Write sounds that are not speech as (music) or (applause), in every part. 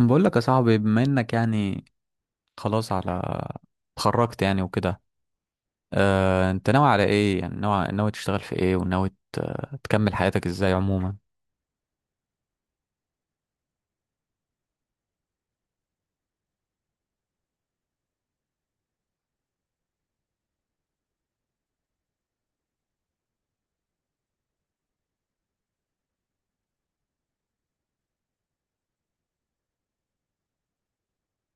بقول لك يا صاحبي، بما انك يعني خلاص، على اتخرجت يعني وكده. اه، انت ناوي على ايه؟ يعني ناوي تشتغل في ايه؟ تكمل حياتك ازاي عموما؟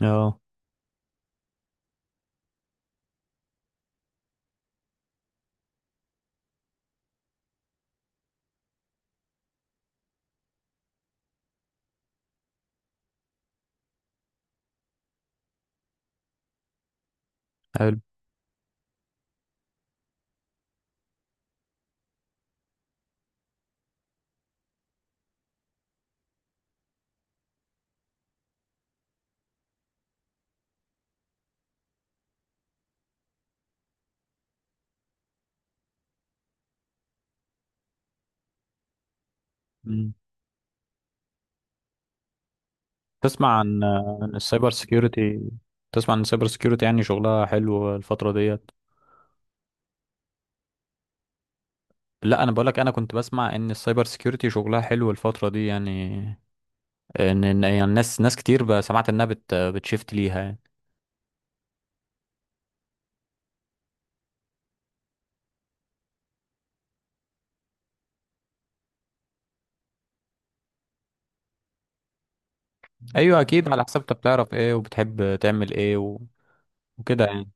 اه، حلو. مم. تسمع عن السايبر سيكيورتي؟ تسمع عن السايبر سيكيورتي؟ يعني شغلها حلو الفترة ديت. لا، انا بقول لك، انا كنت بسمع ان السايبر سيكيورتي شغلها حلو الفترة دي يعني. ان يعني ناس كتير بقى سمعت انها بتشيفت ليها يعني. ايوه، اكيد على حسب انت بتعرف ايه وبتحب تعمل ايه وكده يعني.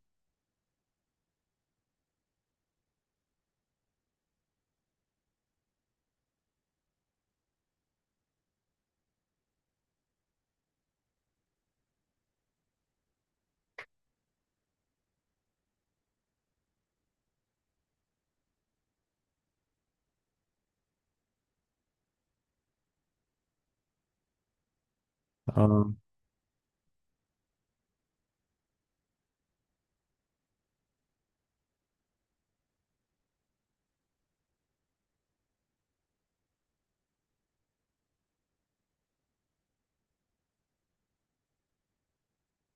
اه،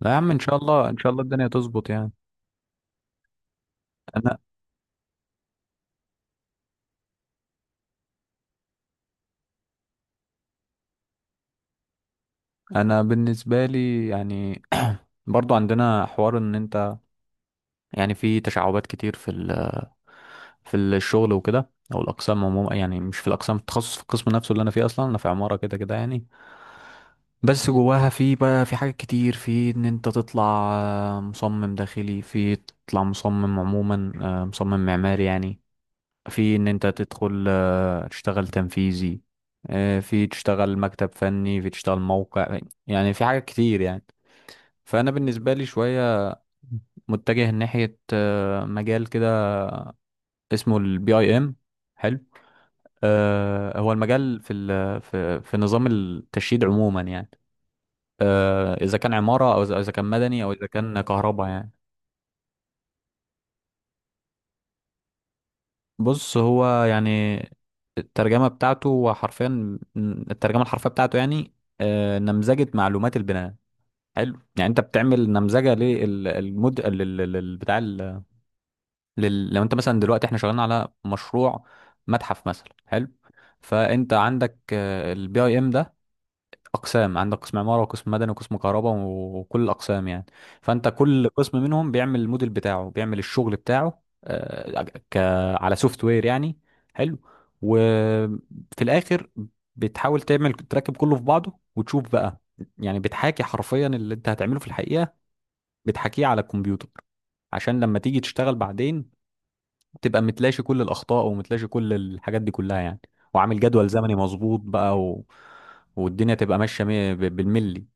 لا يا عم، ان شاء الله، ان شاء الله الدنيا تظبط يعني. انا انا بالنسبه لي يعني (clears throat) برضو عندنا حوار، ان انت يعني في تشعبات كتير في الشغل وكده، او الاقسام عموما. يعني مش في الاقسام، التخصص في القسم نفسه اللي انا فيه، اصلا انا في عماره كده كده يعني. بس جواها في بقى في حاجات كتير في ان انت تطلع مصمم داخلي، في تطلع مصمم عموما، مصمم معماري يعني، في ان انت تدخل تشتغل تنفيذي، في تشتغل مكتب فني، في تشتغل موقع. يعني في حاجات كتير يعني. فانا بالنسبه لي شويه متجه ناحيه مجال كده اسمه البي اي ام. حلو. هو المجال في ال- في في نظام التشييد عموما يعني، اذا كان عماره، او إذا كان مدني، او اذا كان كهرباء يعني. بص، هو يعني الترجمة بتاعته، هو حرفيا الترجمة الحرفية بتاعته يعني نمذجة معلومات البناء. حلو. يعني انت بتعمل نمذجة للمود لل- لل- بتاع ال- لل- لو انت مثلا دلوقتي احنا شغالين على مشروع متحف مثلا. حلو. فانت عندك البي اي ام ده، اقسام. عندك قسم عماره، وقسم مدني، وقسم كهرباء، وكل الاقسام يعني. فانت كل قسم منهم بيعمل الموديل بتاعه، بيعمل الشغل بتاعه آه، ك على سوفت وير يعني. حلو. وفي الاخر بتحاول تعمل، تركب كله في بعضه وتشوف بقى. يعني بتحاكي حرفيا اللي انت هتعمله في الحقيقه، بتحاكيه على الكمبيوتر عشان لما تيجي تشتغل بعدين تبقى متلاشي كل الاخطاء، ومتلاشي كل الحاجات دي كلها يعني، وعامل جدول زمني مظبوط بقى والدنيا تبقى بالملي.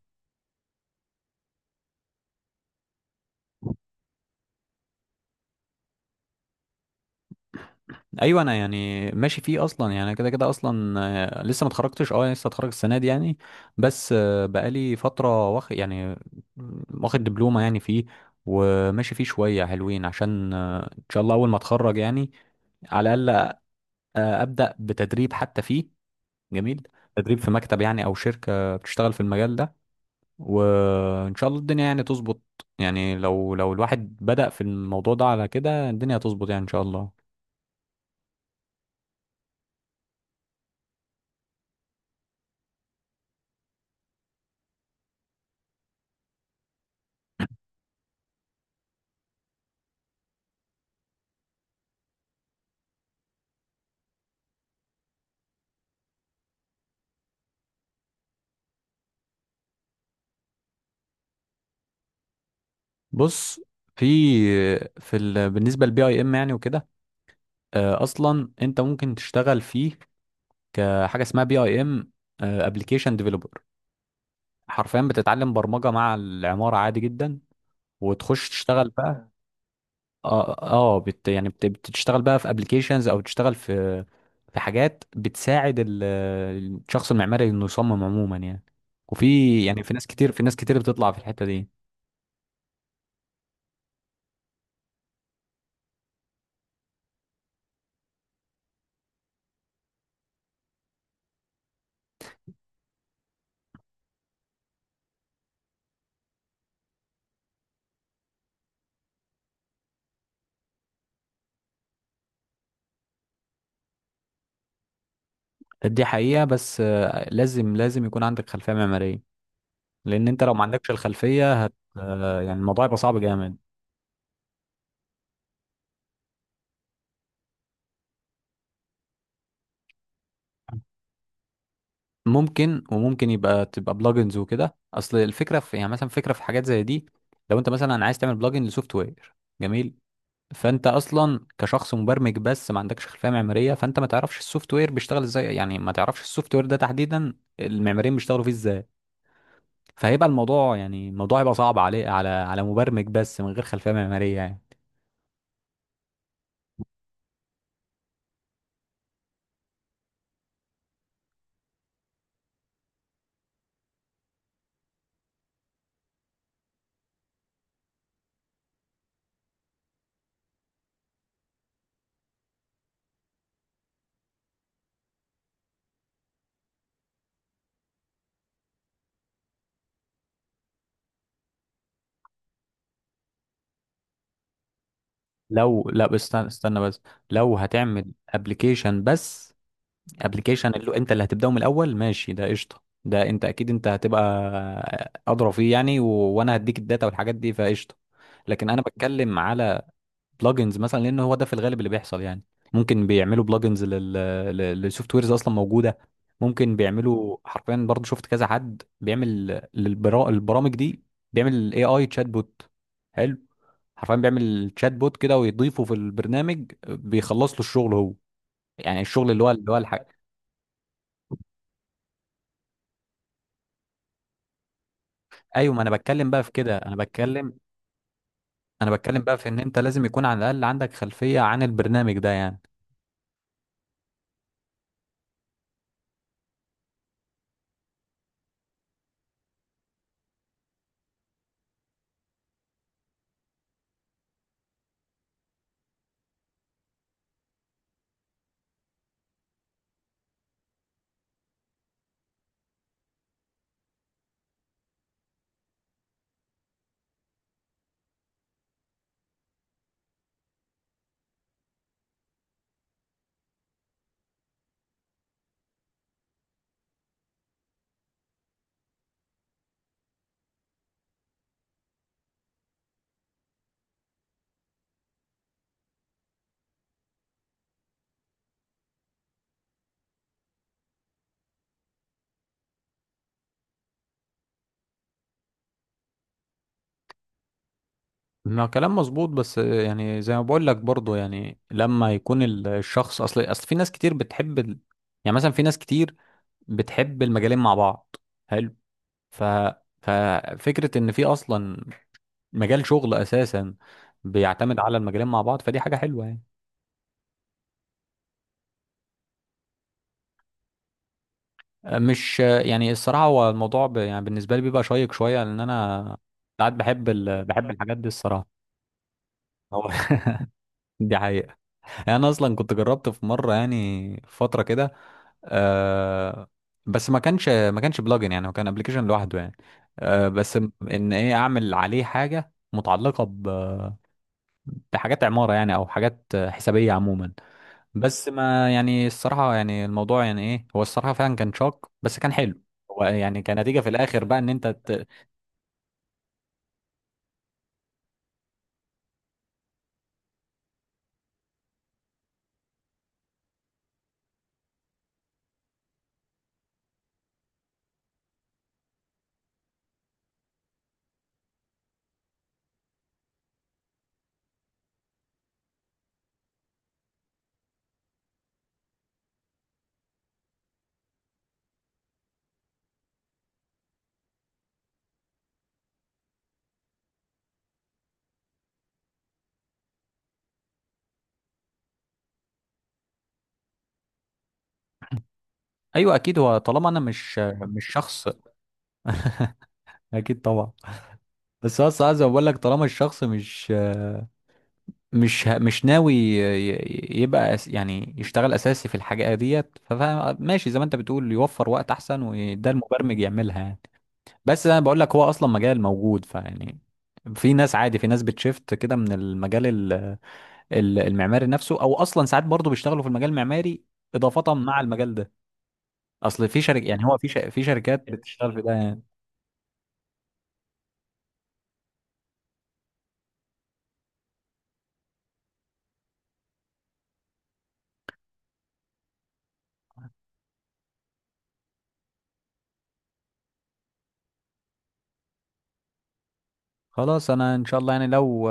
ايوه، انا يعني ماشي فيه اصلا يعني، أنا كده كده اصلا لسه ما اتخرجتش. اه، لسه اتخرج السنه دي يعني. بس بقالي فتره واخد يعني، واخد دبلومه يعني فيه، وماشي فيه شويه حلوين عشان ان شاء الله اول ما اتخرج يعني، على الاقل ابدا بتدريب حتى فيه. جميل. تدريب في مكتب يعني، او شركه بتشتغل في المجال ده، وان شاء الله الدنيا يعني تظبط. يعني لو الواحد بدأ في الموضوع ده على كده، الدنيا هتظبط يعني ان شاء الله. بص، في بالنسبه للبي اي ام يعني وكده، اصلا انت ممكن تشتغل فيه كحاجه اسمها بي اي ام ابلكيشن ديفلوبر. حرفيا بتتعلم برمجه مع العماره عادي جدا وتخش تشتغل بقى. اه، اه، بتشتغل بقى في ابلكيشنز، او تشتغل في في حاجات بتساعد ال... الشخص المعماري انه يصمم عموما يعني. وفي يعني في ناس كتير، في ناس كتير بتطلع في الحته دي. دي حقيقه، بس لازم يكون عندك خلفيه معماريه، لان انت لو ما عندكش الخلفيه هت يعني الموضوع يبقى صعب جامد. ممكن، وممكن يبقى بلجنز وكده. اصل الفكره في يعني مثلا فكره في حاجات زي دي، لو انت مثلا عايز تعمل بلجن لسوفت وير. جميل. فانت اصلا كشخص مبرمج بس ما عندكش خلفيه معماريه، فانت ما تعرفش السوفت وير بيشتغل ازاي يعني، ما تعرفش السوفت وير ده تحديدا المعماريين بيشتغلوا فيه ازاي. فهيبقى الموضوع يعني، الموضوع هيبقى صعب عليه، على على مبرمج بس من غير خلفيه معماريه يعني. لو لا، بس استنى بس، لو هتعمل ابلكيشن بس، ابلكيشن اللي انت اللي هتبداه من الاول، ماشي، ده قشطه، ده انت اكيد انت هتبقى ادرى فيه يعني، وانا هديك الداتا والحاجات دي فقشطه. لكن انا بتكلم على بلجنز مثلا، لان هو ده في الغالب اللي بيحصل يعني. ممكن بيعملوا بلجنز للسوفت ويرز اصلا موجوده. ممكن بيعملوا حرفيا برضو، شفت كذا حد بيعمل البرامج دي بيعمل اي تشات بوت. حلو. حرفيا بيعمل تشات بوت كده ويضيفه في البرنامج، بيخلص له الشغل هو، يعني الشغل اللي هو اللي هو ايوه. ما انا بتكلم بقى في كده، انا بتكلم، انا بتكلم بقى في ان انت لازم يكون على الاقل عندك خلفية عن البرنامج ده يعني. ما كلام مظبوط، بس يعني زي ما بقول لك برضه يعني، لما يكون الشخص، اصل في ناس كتير بتحب ال... يعني مثلا في ناس كتير بتحب المجالين مع بعض. حلو. ف ففكرة ان في اصلا مجال شغل اساسا بيعتمد على المجالين مع بعض، فدي حاجة حلوة يعني. مش يعني الصراحة، هو الموضوع يعني بالنسبة لي بيبقى شيق شوية، لأن أنا ساعات بحب ال... (laughs) بحب الحاجات دي الصراحة. هو (laughs) دي حقيقة. يعني أنا أصلا كنت جربت في مرة يعني، في فترة كده آه... بس ما كانش بلجن يعني، هو كان ابلكيشن لوحده يعني. آه... بس م- إن إيه، أعمل عليه حاجة متعلقة ب... بحاجات عمارة يعني، أو حاجات حسابية عموما. بس ما يعني الصراحة يعني، الموضوع يعني إيه، هو الصراحة فعلا كان شاق، بس كان حلو. هو يعني كنتيجة في الآخر بقى إن أنت ايوه، اكيد. هو طالما انا مش شخص اكيد طبعا. بس هو الصراحه زي ما بقول لك، طالما الشخص مش ناوي يبقى يعني يشتغل اساسي في الحاجه ديت، فماشي زي ما انت بتقول، يوفر وقت احسن، وده المبرمج يعملها يعني. بس انا بقول لك، هو اصلا مجال موجود فيعني. في ناس عادي، في ناس بتشفت كده من المجال المعماري نفسه، او اصلا ساعات برضه بيشتغلوا في المجال المعماري اضافه مع المجال ده. اصل في شركه يعني، هو في شركات بتشتغل في ده يعني. خلاص، انا ان شاء الله يعني لو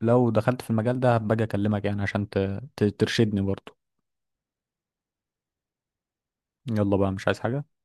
دخلت في المجال ده هبقى اكلمك يعني، عشان ترشدني برضو. يلا بقى، مش عايز حاجة.